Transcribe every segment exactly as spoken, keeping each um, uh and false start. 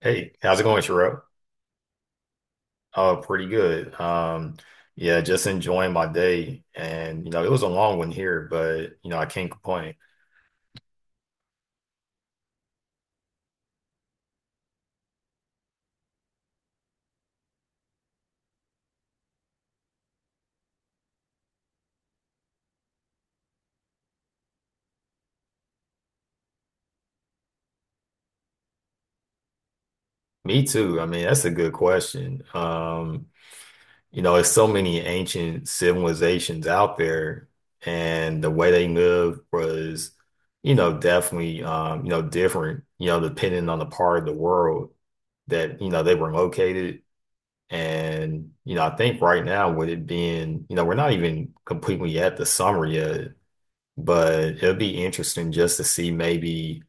Hey, how's it going, Sherelle? Oh, pretty good. Um, yeah, just enjoying my day. And, you know, it was a long one here, but, you know, I can't complain. Me too. I mean, that's a good question. Um, you know, there's so many ancient civilizations out there, and the way they lived was, you know, definitely, um, you know, different, you know, depending on the part of the world that, you know, they were located. And, you know, I think right now with it being, you know, we're not even completely at the summer yet, but it'll be interesting just to see maybe,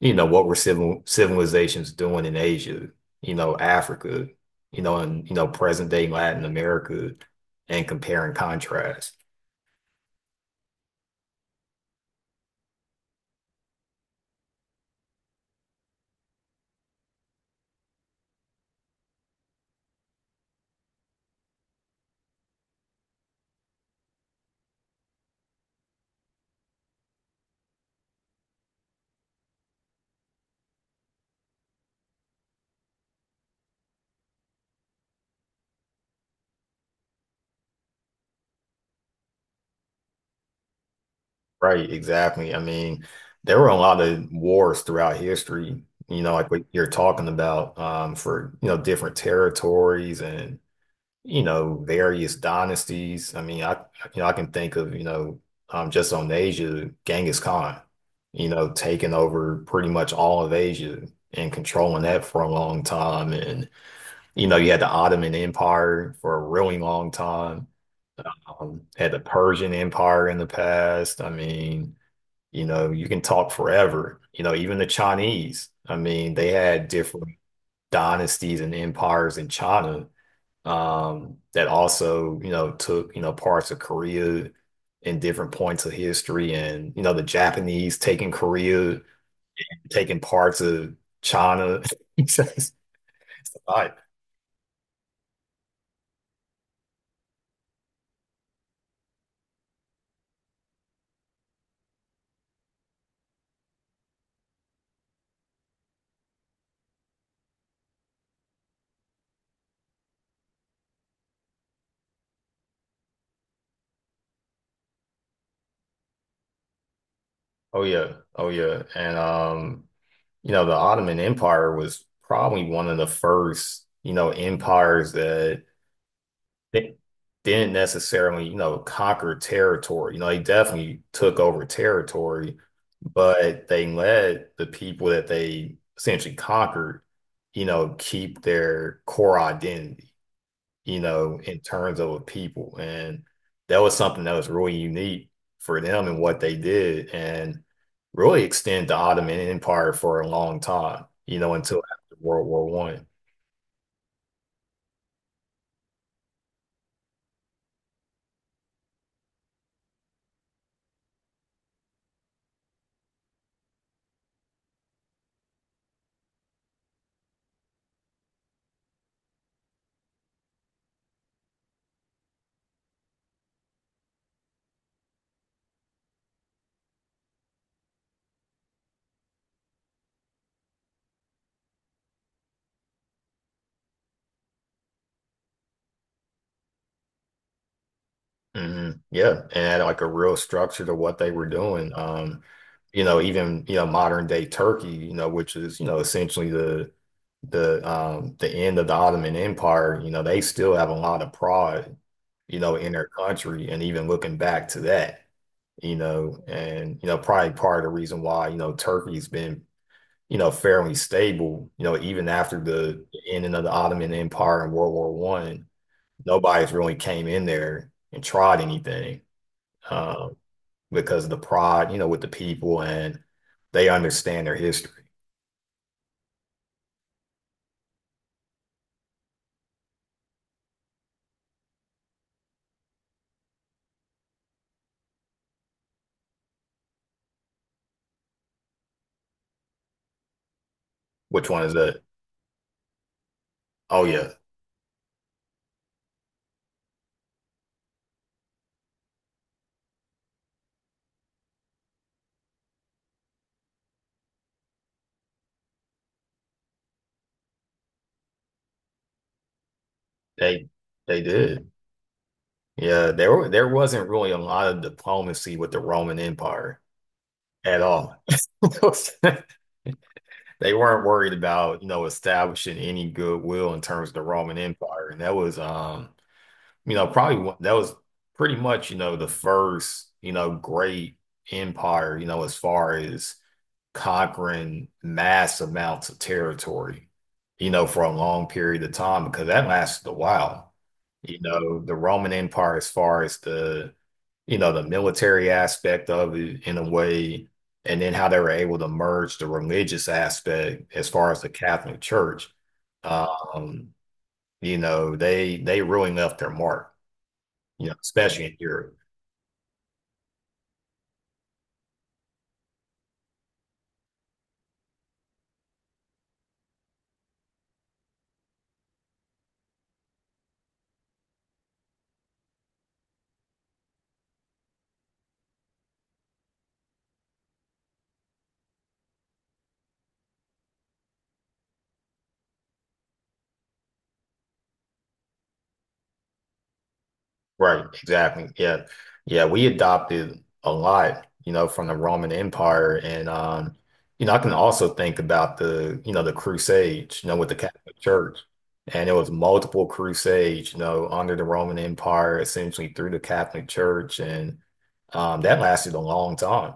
you know, what were civil civilizations doing in Asia, you know, Africa, you know, and you know, present day Latin America and compare and contrast. Right, exactly. I mean, there were a lot of wars throughout history, you know, like what you're talking about, um, for, you know, different territories and you know, various dynasties. I mean, I you know, I can think of, you know, um just on Asia, Genghis Khan, you know, taking over pretty much all of Asia and controlling that for a long time. And, you know, you had the Ottoman Empire for a really long time. Um, had the Persian Empire in the past. I mean, you know, you can talk forever. You know, even the Chinese. I mean, they had different dynasties and empires in China um, that also, you know, took, you know, parts of Korea in different points of history and, you know, the Japanese taking Korea, taking parts of China. It's a lot. Oh yeah. Oh yeah. And um, you know, the Ottoman Empire was probably one of the first, you know, empires that they didn't necessarily, you know, conquer territory. You know, they definitely took over territory, but they let the people that they essentially conquered, you know, keep their core identity, you know, in terms of a people. And that was something that was really unique for them and what they did and really extend the Ottoman Empire for a long time, you know, until after World War One. Hmm. Yeah, and had like a real structure to what they were doing. Um, you know, even you know modern day Turkey, you know, which is you know essentially the the um the end of the Ottoman Empire. You know, they still have a lot of pride, you know, in their country, and even looking back to that, you know, and you know probably part of the reason why you know Turkey's been you know fairly stable, you know, even after the ending of the Ottoman Empire and World War One, nobody's really came in there and tried anything um, because of the pride, you know, with the people and they understand their history. Which one is it? Oh yeah, they they did. Yeah, there were there wasn't really a lot of diplomacy with the Roman Empire at all. They weren't worried about, you know, establishing any goodwill in terms of the Roman Empire. And that was um, you know, probably one- that was pretty much, you know, the first, you know, great empire, you know, as far as conquering mass amounts of territory, you know, for a long period of time because that lasted a while. You know, the Roman Empire, as far as the, you know, the military aspect of it in a way, and then how they were able to merge the religious aspect as far as the Catholic Church, um, you know, they they really left their mark, you know, especially in Europe. Right, exactly. Yeah. Yeah, we adopted a lot, you know, from the Roman Empire and um you know, I can also think about the, you know, the Crusades, you know, with the Catholic Church. And it was multiple crusades, you know, under the Roman Empire, essentially through the Catholic Church and um that lasted a long time.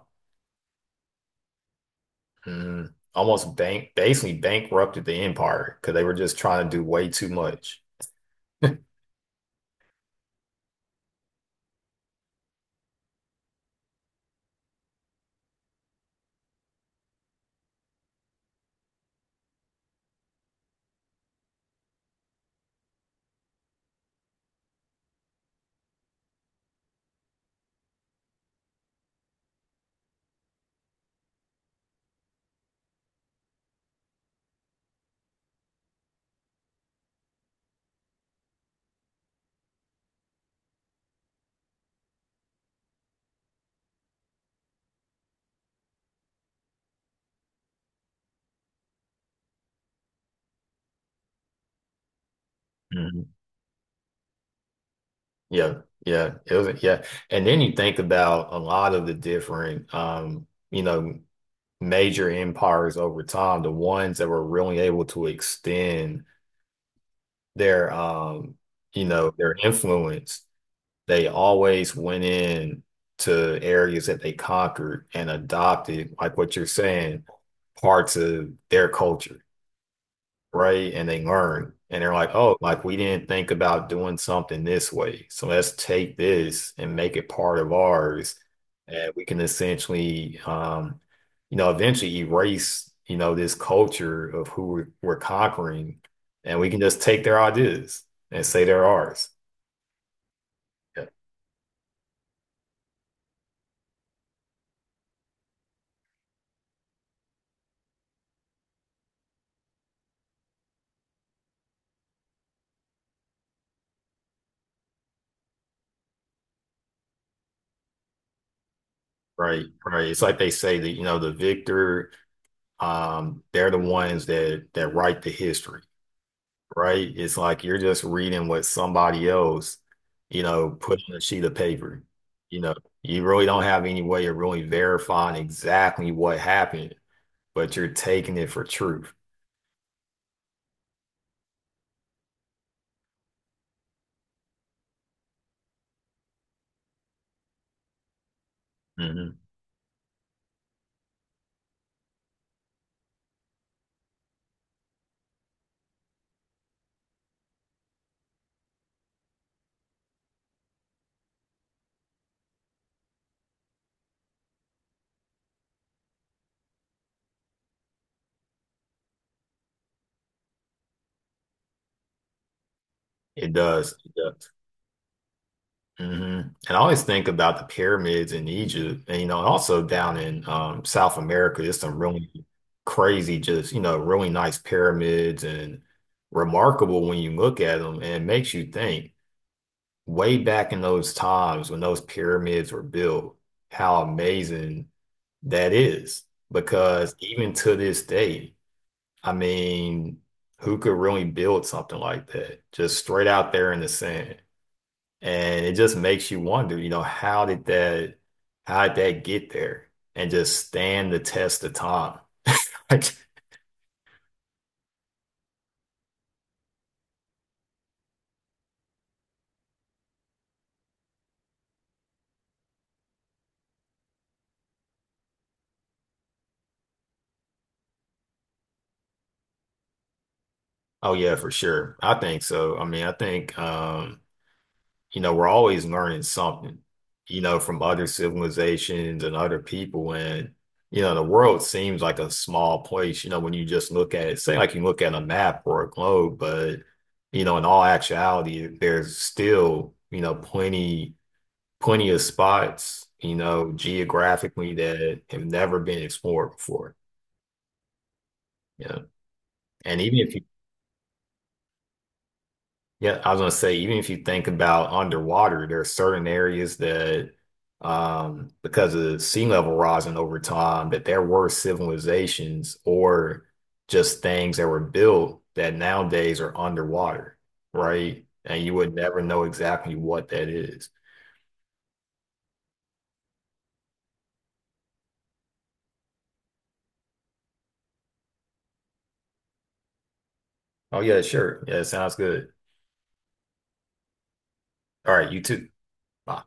Mhm. Almost bank basically bankrupted the empire because they were just trying to do way too much. Yeah, yeah, it was yeah. And then you think about a lot of the different um, you know, major empires over time, the ones that were really able to extend their um, you know, their influence, they always went in to areas that they conquered and adopted, like what you're saying, parts of their culture right? And they learn and they're like, oh, like we didn't think about doing something this way. So let's take this and make it part of ours. And we can essentially, um, you know, eventually erase, you know, this culture of who we're, we're conquering. And we can just take their ideas and say they're ours. Yeah. Right. Right. It's like they say that, you know, the victor, um, they're the ones that that write the history. Right? It's like you're just reading what somebody else, you know, put on a sheet of paper. You know, you really don't have any way of really verifying exactly what happened, but you're taking it for truth. Hmm. It does. It does. Hmm. And I always think about the pyramids in Egypt, and you know, also down in um, South America, there's some really crazy, just you know, really nice pyramids and remarkable when you look at them, and it makes you think. Way back in those times when those pyramids were built, how amazing that is. Because even to this day, I mean, who could really build something like that? Just straight out there in the sand. And it just makes you wonder, you know, how did that, how did that get there and just stand the test of time? Like, oh yeah, for sure. I think so. I mean, I think, um, you know, we're always learning something, you know, from other civilizations and other people. And, you know, the world seems like a small place, you know, when you just look at it, say like you look at a map or a globe, but, you know, in all actuality, there's still, you know, plenty, plenty of spots, you know, geographically that have never been explored before. Yeah, and even if you Yeah, I was gonna say, even if you think about underwater, there are certain areas that, um, because of sea level rising over time, that there were civilizations or just things that were built that nowadays are underwater, right? And you would never know exactly what that is. Oh yeah, sure. Yeah, sounds good. All right, you too. Bye.